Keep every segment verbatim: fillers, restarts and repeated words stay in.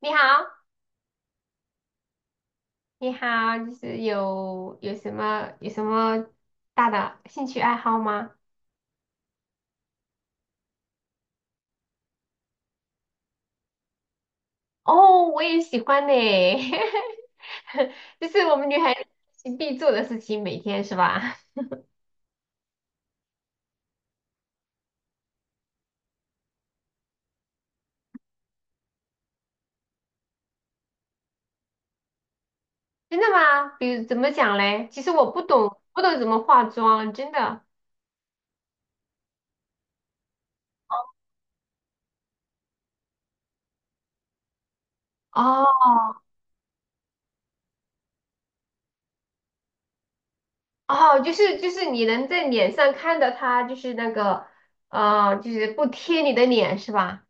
你好，你好，就是有有什么有什么大的兴趣爱好吗？哦，我也喜欢呢，就是我们女孩子必做的事情，每天是吧？真的吗？比如怎么讲嘞？其实我不懂，不懂怎么化妆，真的。哦哦，就是就是你能在脸上看到它，就是那个呃，就是不贴你的脸是吧？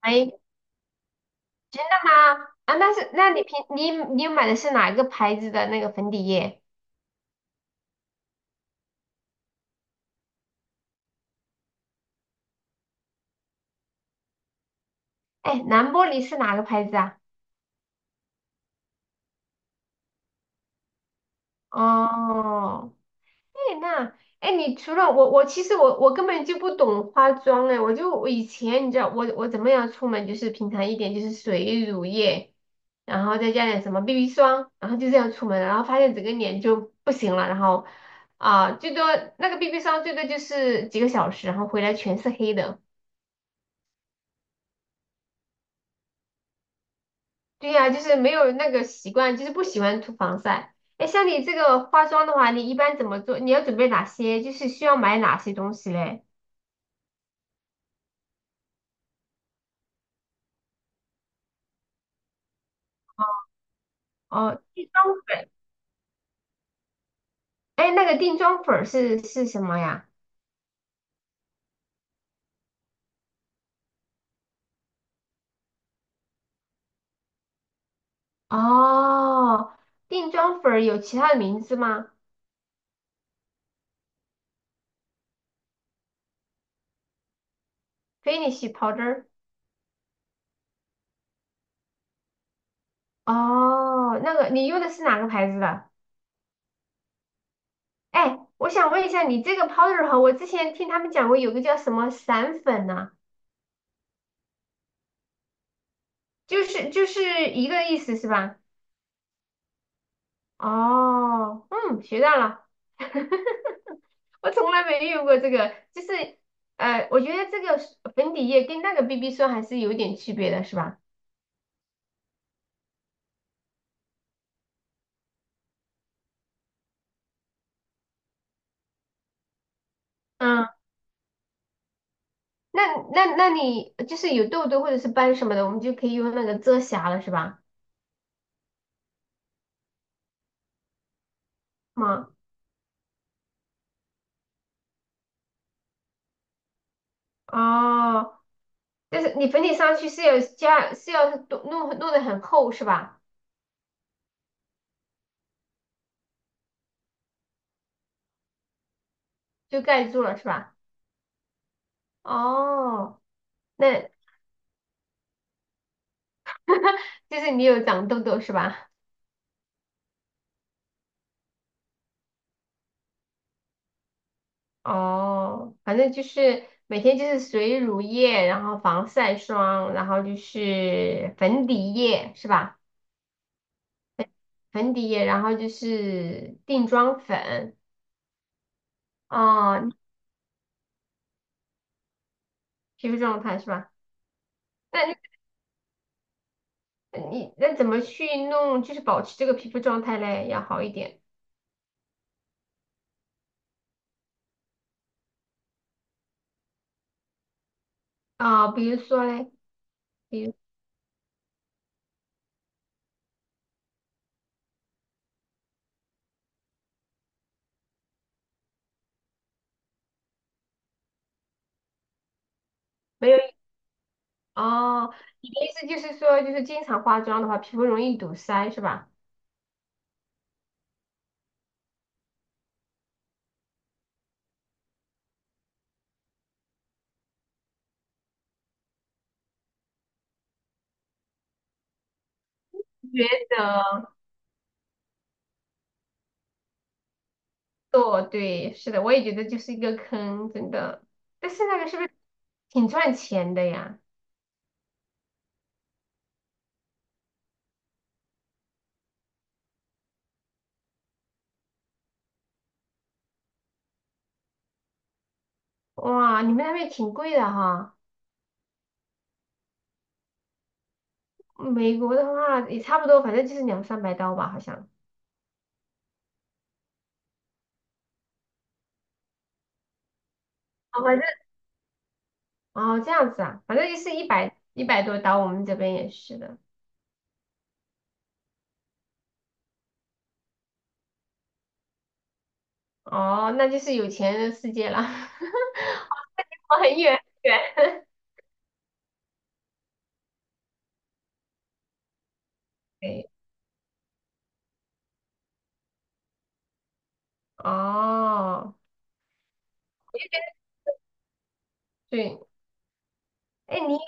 哎，真的吗？啊，那是，那你平你你买的是哪一个牌子的那个粉底液？哎，蓝玻璃是哪个牌子啊？哦，哎，那哎，你除了我，我其实我我根本就不懂化妆哎，我就我以前你知道我我怎么样出门就是平常一点就是水乳液，然后再加点什么 B B 霜，然后就这样出门了，然后发现整个脸就不行了，然后啊、最多那个 B B 霜最多就是几个小时，然后回来全是黑的。对呀，就是没有那个习惯，就是不喜欢涂防晒。哎，像你这个化妆的话，你一般怎么做？你要准备哪些？就是需要买哪些东西嘞？哦，哦，定妆粉。哎，那个定妆粉儿是是什么呀？哦，定妆粉儿有其他的名字吗？Finish powder。哦，那个你用的是哪个牌子的？哎，我想问一下，你这个 powder 哈，我之前听他们讲过有个叫什么散粉呢、就是就是一个意思是吧？哦，嗯，学到了，我从来没用过这个，就是呃，我觉得这个是粉底液跟那个 B B 霜还是有点区别的，是吧？嗯，那那那你就是有痘痘或者是斑什么的，我们就可以用那个遮瑕了，是吧？吗？哦，但是你粉底上去是要加是要弄弄弄得很厚是吧？就盖住了是吧？哦，那就是你有长痘痘是吧？哦，反正就是每天就是水乳液，然后防晒霜，然后就是粉底液是吧？粉底液，然后就是定妆粉，哦，皮肤状态是吧？那你你那怎么去弄，就是保持这个皮肤状态嘞，要好一点啊，比如说嘞，比如没有哦，你的意思就是说，就是经常化妆的话，皮肤容易堵塞是吧？觉得。做，对，是的，我也觉得就是一个坑，真的。但是那个是不是挺赚钱的呀？哇，你们那边挺贵的哈。美国的话也差不多，反正就是两三百刀吧，好像。哦，反正哦这样子啊，反正就是一百一百多刀，我们这边也是的。哦，那就是有钱人的世界了，我很远很远。对，哦，对，哎，你有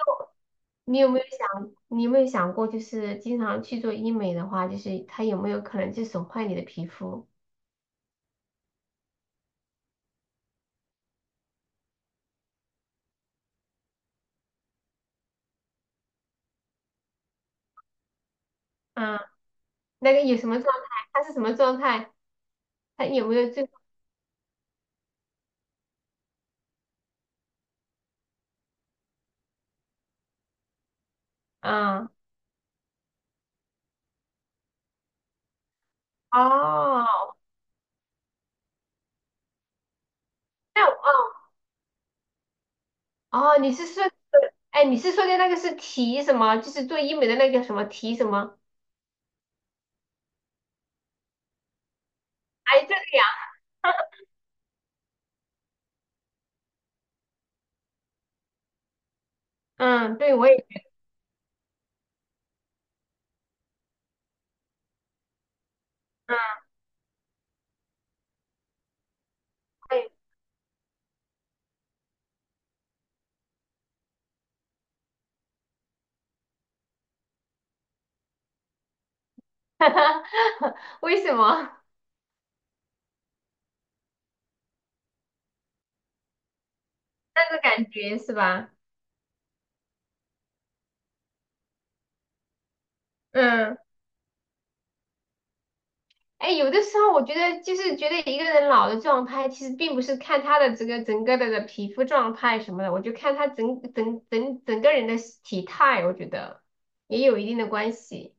你有没有想，你有没有想过，就是经常去做医美的话，就是它有没有可能就损坏你的皮肤？啊，那个有什么状态？它是什么状态？它有没有这？嗯，哦，那哦哦，你是说，哎，你是说的那个是提什么？就是做医美的那个什么提什么？哎，这个呀，嗯，对，我也，嗯，对，为什么？那个感觉是吧？嗯。哎，有的时候我觉得就是觉得一个人老的状态，其实并不是看他的这个整个的的皮肤状态什么的，我就看他整整整整个人的体态，我觉得也有一定的关系。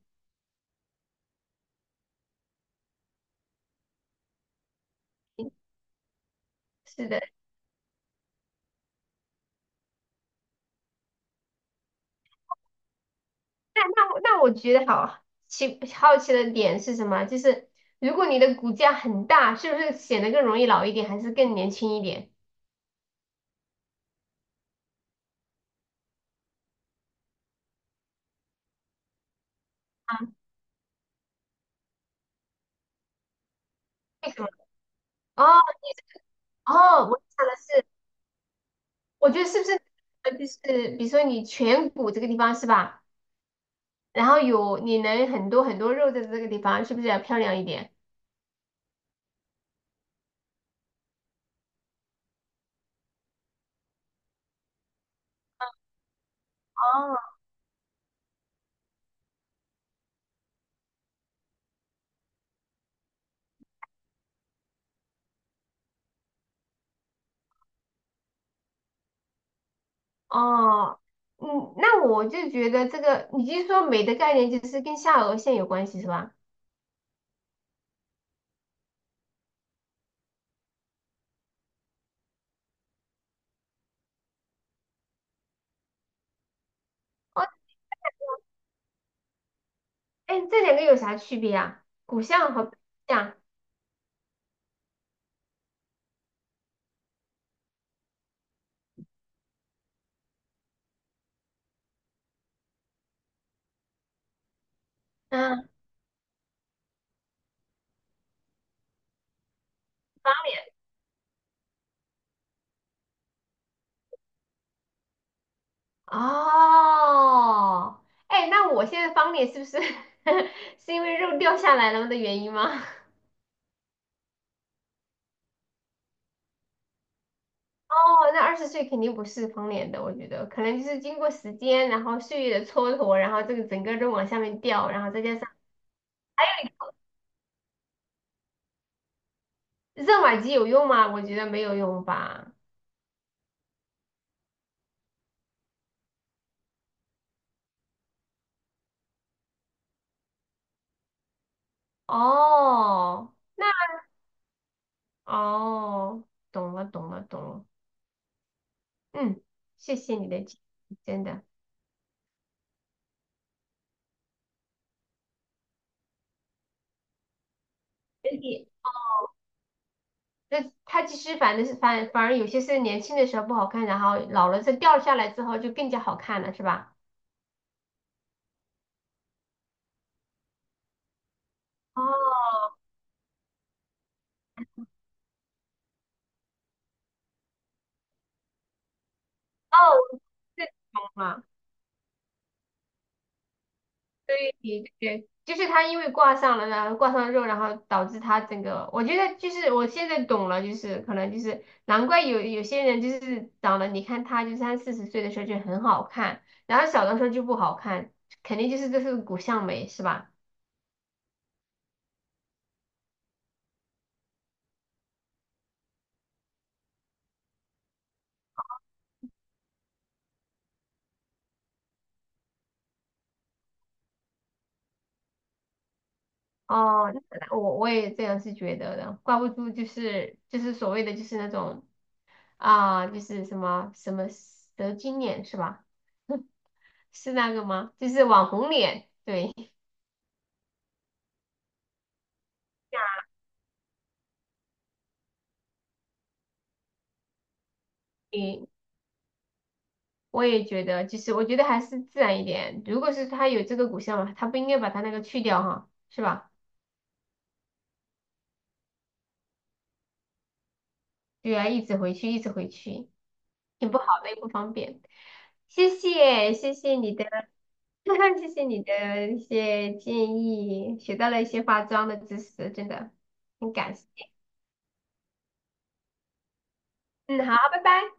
是的，那那我那我觉得好奇好奇的点是什么？就是如果你的骨架很大，是不是显得更容易老一点，还是更年轻一点？啊？为什么？哦哦，我想的是，我觉得是不是呃，就是比如说你颧骨这个地方是吧？然后有你能很多很多肉在这个地方，是不是要漂亮一点？哦，哦，嗯，那我就觉得这个，你就说美的概念就是跟下颚线有关系是吧？哦，哎，这两个有啥区别啊？骨相和背相，嗯，哦，哎，那我现在方脸是不是 是因为肉掉下来了的原因吗？哦，那二十岁肯定不是方脸的，我觉得可能就是经过时间，然后岁月的蹉跎，然后这个整个都往下面掉，然后再加上。热玛吉有用吗？我觉得没有用吧。哦，那哦，懂了，懂了，懂了。嗯，谢谢你的建议，真的。人体，那它其实反正是反反而有些是年轻的时候不好看，然后老了再掉下来之后就更加好看了，是吧？哦哦，这种啊。对对，就是他因为挂上了，然后挂上肉，然后导致他整个，我觉得就是我现在懂了，就是可能就是难怪有有些人就是长得，你看他就三四十岁的时候就很好看，然后小的时候就不好看，肯定就是这是骨相美是吧？哦，那我我也这样是觉得的，挂不住就是就是所谓的就是那种啊，就是什么什么蛇精脸是吧？是那个吗？就是网红脸，对，我也觉得，就是我觉得还是自然一点。如果是他有这个骨相嘛，他不应该把他那个去掉哈，是吧？对啊，一直回去，一直回去，挺不好的，也不方便。谢谢，谢谢你的，谢谢你的一些建议，学到了一些化妆的知识，真的很感谢。嗯，好，拜拜。